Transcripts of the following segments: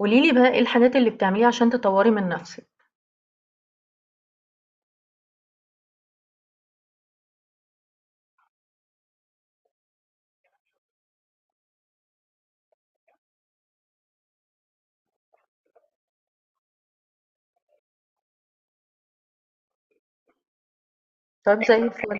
قولي لي بقى إيه الحاجات اللي بتعمليها عشان تطوري من نفسِك؟ طب زي الفل.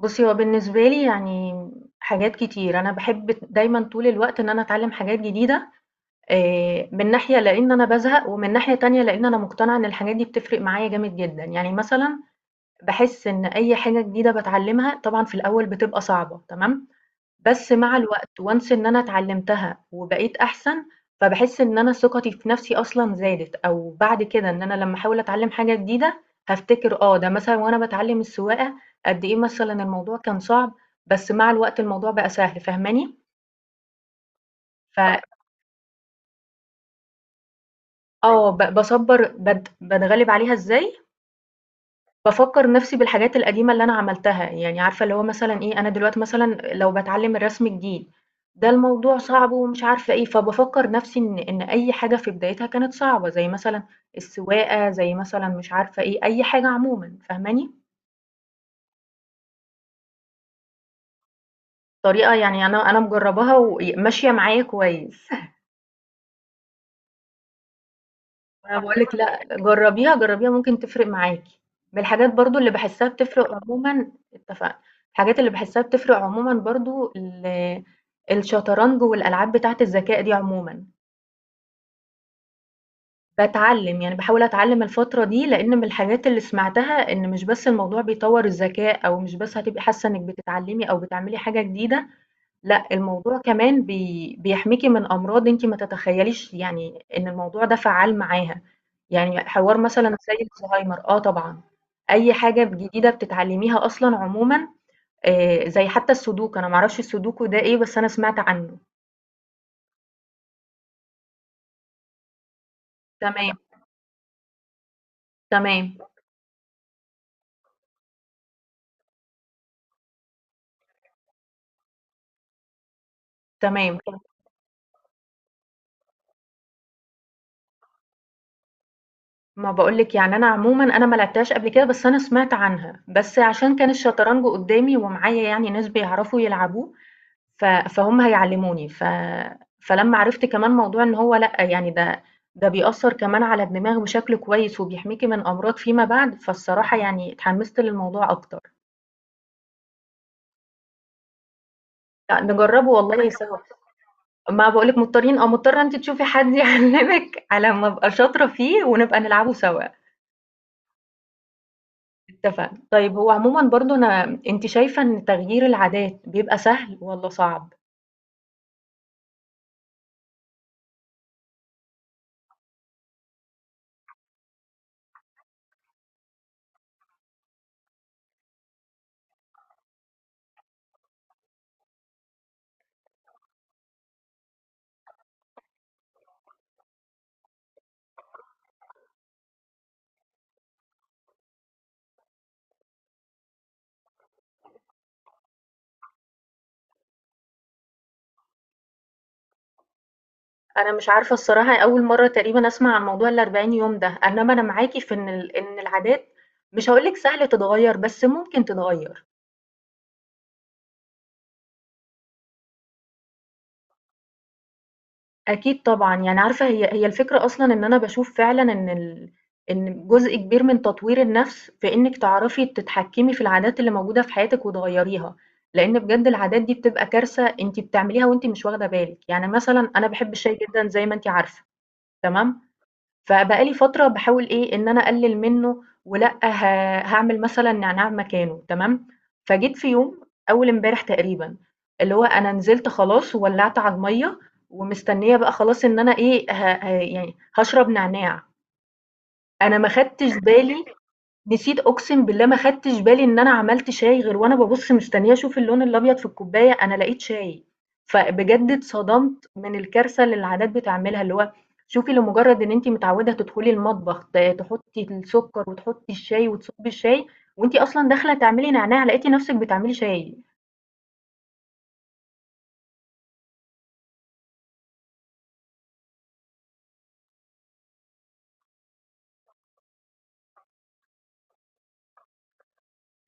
بُصّي، هو بالنسبة لي يعني حاجات كتير، أنا باحب دايمًا طول الوقت إن أنا أتعلم حاجات جديدة، من ناحية لإن أنا بازهق، ومن ناحية تانية لإن أنا مقتنعة إن الحاجات دي بتفرق معايا جامد جدًا، يعني مثلًا باحس إن أي حاجة جديدة باتعلمها طبعًا في الأول بتبقى صعبة، تمام؟ بس مع الوقت once إن أنا اتعلمتها وبقيت أحسن، فباحس إن أنا ثقتي في نفسي أصلًا زادت، أو بعد كده إن أنا لمّا أحاول أتعلم حاجة جديدة هافتكر ده مثلًا وأنا باتعلم السواقة قد إيه مثلًا الموضوع كان صعب، بس مع الوقت الموضوع بقى سهل، فاهماني؟ ف آه، فاهماكِ. آه، ب باصبّر باتغلب عليها إزاي بافكّر نَفْسي بالحاجات القديمة اللي أنا عملتها، يعني عارفة اللي هو مثلًا إيه، أنا دلوقتي مثلًا لو باتعلّم الرسم جديد، ده الموضوع صعب ومش عارفة إيه، فبافكّر نَفْسي إن أي حاجة في بدايتها كانت صعبة، زي مثلًا السواقة، زي مثلًا مش عارفة إيه، أي حاجة عمومًا، فاهماني؟ طريقة يعني أنا مجرّباها وماشية معايا كويس. أنا باقول لِك لأ، جرّبيها، جرّبيها ممكن تفرق معاكِ. من الحاجات برضه اللي باحسّها بتفرق عمومًا اتفقنا. الحاجات اللي باحسّها بتفرق عمومًا برضه الشطرنج والألعاب بتاعة الذكاء دي عمومًا. باتعلّم، يعني باحاول أتعلّم الفترة دي، لإن من الحاجات اللي سمعتها إن مش بس الموضوع بيطوّر الذكاء أو مش بس هتبقي حاسّة إنِّك بتتعلّمي أو بتعملي حاجة جديدة لأ، الموضوع كمان بيحميكِ من أمراض أنتِ ما تتخيليش يعني إن الموضوع ده فعّال معاها، يعني حوار مثلًا زي الزهايمر طبعًا، أي حاجة جديدة بتتعلميها أصلًا عمومًا زي حتى السودوكو أنا ما أعرفش السودوكو ده إيه، بس أنا سمعت عنه، تمام، تمام، تمام، ما باقول لِك يعني أنا عمومًا ما لعبتهاش قبل كده، بس أنا سمعت عنها، بس عشان كان الشطرنج قدّامي ومعايا يعني ناس بيعرفوا يلعبوه، ف فهُم هيعلّموني، فلمّا عرفت كمان موضوع إن هو لأ، يعني ده بيأثّر كمان على الدماغ بشكل كويس وبيحميكِ من أمراض فيما بعد، فالصراحة يعني اتحمّست للموضوع أكتر. لأ، نجرّبه والله سوا، ما باقول لِك مضطرين مضطرة أنتِ تشوفي حد يعلّمِك على ما أبقى شاطرة فيه ونبقى نلعبه سوا، اتفقنا. طيب هو عمومًا برضه أنتِ شايفة إن تغيير العادات بيبقى سهل والّا صعب؟ أنا مش عارفة الصراحة أول مرّة تقريبًا أسمع عن موضوع ال40 يوم ده، إنما أنا معاكِ في إن إن العادات مش هاقول لِك سهل تتغيّر، بس ممكن تتغيّر. أكيد طبعًا، يعني عارفة هي هي الفكرة أصلًا إن أنا باشوف فعلًا إن إن جزء كبير من تطوير النَفْس في إنِّك تعرفي تتحكّمي في العادات اللي موجودة في حياتِك وتغيّريها، لإن بجد العادات دي بتبقى كارثة أنتِ بتعمليها وأنتِ مش واخدة بالِك. يعني مثلًا أنا باحب الشاي جدًا زي ما أنتِ عارفة، تمام؟ فبقى لي فترة باحاول إيه، إن أنا أقلِّل منّه ولأ هاعمل مثلًا نعناع مكانه تمام، فجيت في يوم أول امبارح تقريبًا، اللي هو أنا نزلت خلاص وولّعت على المَيّة ومستنية بقى خلاص إن أنا إيه، ه ه يعني هاشرب نعناع، أنا ما خدتش بالي نسيت أقسم بالله ما خدتش بالي إن أنا عملت شاي غير وأنا بابُص مستنية أشوف اللون الأبيض في الكوباية، أنا لقيت شاي، فبجد اتصدمت من الكارثة اللي العادات بتعملها، اللي هو شوفي لمجرد إن أنتِ متعودة تدخلي المطبخ تحطي السكر وتحطي الشاي وتصُبّي الشاي وأنتِ أصلًا داخلة تعملي نعناع لقيتِ نفسِك بتعملي شاي،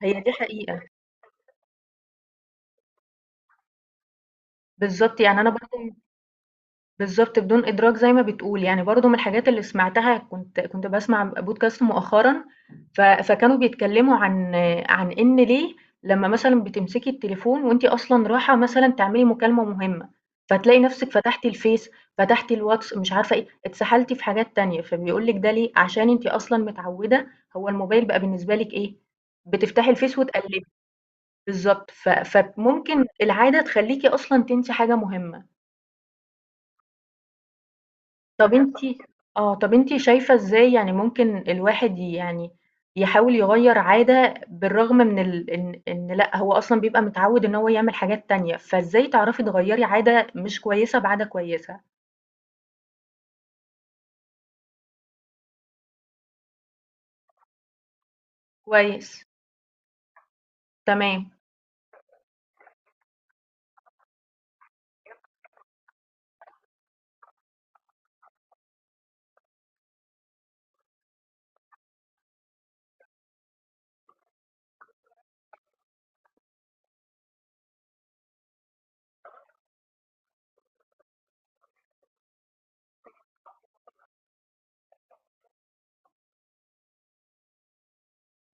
هي دي حقيقة، بالضبط يعني أنا برضه بالضبط بدون إدراك زي ما بتقول، يعني برضه من الحاجات اللي سمعتها كنت باسمع بودكاست مؤخرًا فكانوا بيتكلموا عن إن ليه لمّا مثلًا بتمسكي التليفون وأنتِ أصلًا رايحة مثلًا تعملي مكالمة مهمة، فتلاقي نفسِك فتحتِ الفيس، فتحتِ الواتس، مش عارفة إيه، اتسحلتِ في حاجات تانية، فبيقول لِك ده ليه، عشان أنتِ أصلًا متعودة هو الموبايل بقى بالنسبة لِك إيه، بتفتحي الفيس وتقلبي، بالضبط، فممكن العادة تخليكِ أصلًا تنسي حاجة مهمة. طب أنتِ طب أنتِ شايفة إزاي يعني ممكن الواحد يعني يحاول يغيّر عادة بالرغم من إن لأ، هو أصلًا بيبقى متعوّد إن هو يعمل حاجات تانية، فإزاي تعرفي تغيّري عادة مش كويسة بعادة كويسة؟ كويس، تمام،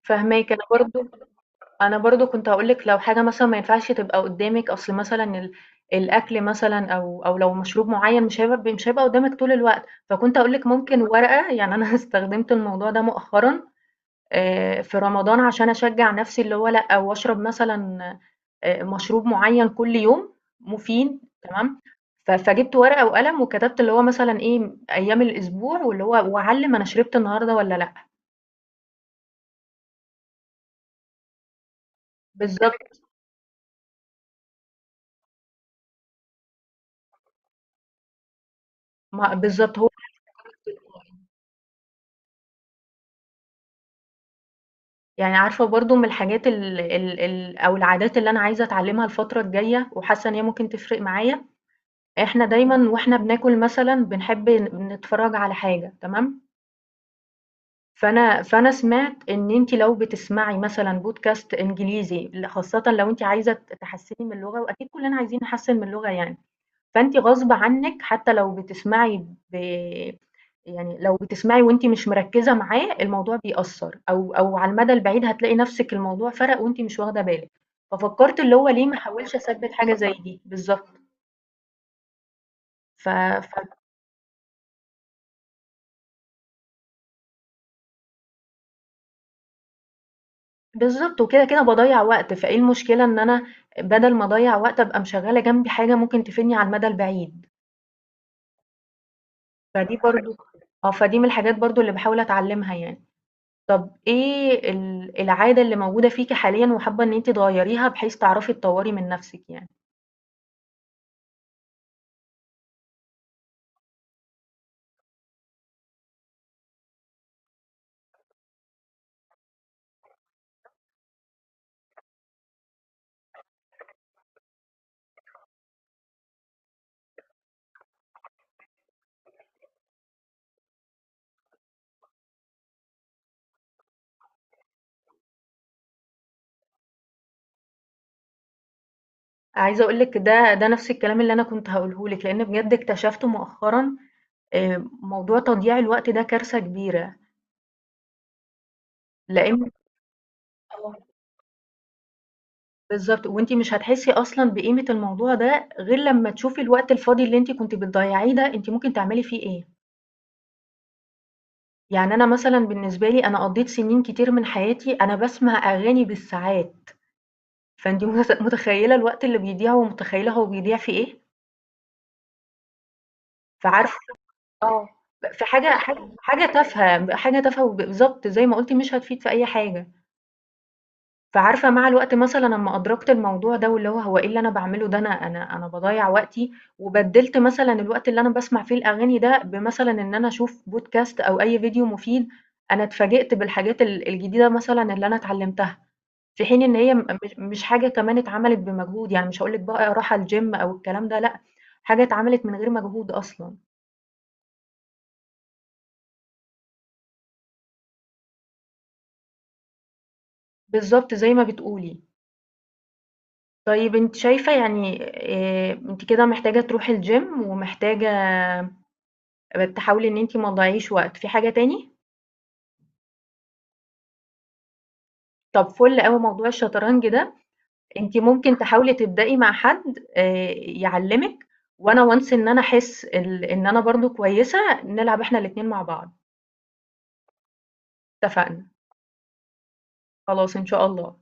فاهماكِ. أنا برضه كنت هاقول لِك لو حاجة مثلًا ما ينفعش تبقى قدّامِك، أصل مثلًا الأكل مثلًا أو لو مشروب معيّن مش هيبقى قدّامِك طول الوقت، فكنت هاقول لِك ممكن ورقة، يعني أنا استخدمت الموضوع ده مؤخرًا، في رمضان عشان أشجّع نَفْسي اللي هو لأ، وأشرب مثلًا مشروب معيّن كل يوم مفيد تمام، فجِبت ورقة وقلم وكتبت اللي هو مثلًا إيه، أيام الأسبوع واللي هو وأعلِّم أنا شربت النهارده والّا لأ. بالضبط، ما بالضبط هو يعني عارفة برضه من الحاجات ال ال ال أو العادات اللي أنا عايزة أتعلِّمها الفترة الجاية وحاسة إن هي ممكن تفرق معايا، إحنا دايمًا وإحنا بناكل مثلًا بنحب نتفرّج على حاجة تمام، فانا سمعت ان انت لو بتسمعي مثلا بودكاست انجليزي خاصه لو انت عايزه تحسني من اللغه واكيد كلنا عايزين نحسن من اللغه يعني فانت غصب عنك حتى لو بتسمعي ب... يعني لو بتسمعي وانت مش مركزه معاه الموضوع بيأثر او على المدى البعيد هتلاقي نفسك الموضوع فرق وانت مش واخده بالك ففكرت اللي هو ليه ما احاولش اثبت حاجه زي دي بالظبط ف... بالضبط، وكده، كده باضيّع وقت، فإيه المشكلة إن أنا بدل ما أضيّع وقت أبقى مشغّلة جنبي حاجة ممكن تفيدني على المدى البعيد، فدي برضه صحيح. فدي من الحاجات برضه اللي باحاول أتعلّمها يعني. طَب إيه العادة اللي موجودة فيكِ حاليًا وحابة إن أنتِ تغيّريها بحيث تعرفي تطوّري من نَفْسِك يعني؟ عايزة أقول لِك ده نَفْس الكلام اللي أنا كنت هاقوله لِك، لإن بجد اكتشفت مؤخرًا موضوع تضييع الوقت ده كارثة كبيرة، لإن طبعًا. آه. بالضبط، وأنتِ مش هتحسّي أصلًا بقيمة الموضوع ده غير لمّا تشوفي الوقت الفاضي اللي أنتِ كنتِ بتضيّعيه ده أنتِ ممكن تعملي فيه إيه. يعني أنا مثلًا بالنسبة لي أنا قضّيت سنين كتير من حياتي أنا باسمع أغاني بالساعات، فأنتِ متخيّلة الوقت اللي بيضيع ومتخيّلة هو بيضيع في إيه، فعارفة آه، ب في حاجة تافهة، حاجة تافهة بالضبط زي ما قُلتِ مش هتفيد في أي حاجة. فعارفة مع الوقت مثلًا أمّا أدركت الموضوع ده واللي هو هو إيه اللي أنا باعمله ده، أنا باضيّع وقتي، وبدِّلت مثلًا الوقت اللي أنا باسمع فيه الأغاني ده بمثلًا إن أنا أشوف podcast أو أي فيديو مفيد، أنا اتفاجئت بالحاجات الجديدة مثلًا اللي أنا اتعلمتها، في حين إن هي م مش مش حاجة كمان اتعملت بمجهود، يعني مش هاقول لِك بقى راحة الgym أو الكلام ده لأ، حاجة اتعملت من غير مجهود أصلًا. بالضبط زي ما بتقولي. طيب أنتِ شايفة يعني أنتِ كده محتاجة تروحي الgym ومحتاجة تحاولي إن أنتِ ما تضيّعيش وقت، في حاجة تاني؟ طب فُل أوي موضوع الشطرنج ده، أنتِ ممكن تحاولي تبدئي مع حد يعلّمِك، وأنا once إن أنا أحس إن أنا برضه كويسة، نلعب إحنا الاتنين مع بعض، اتفقنا، خلاص إن شاء الله.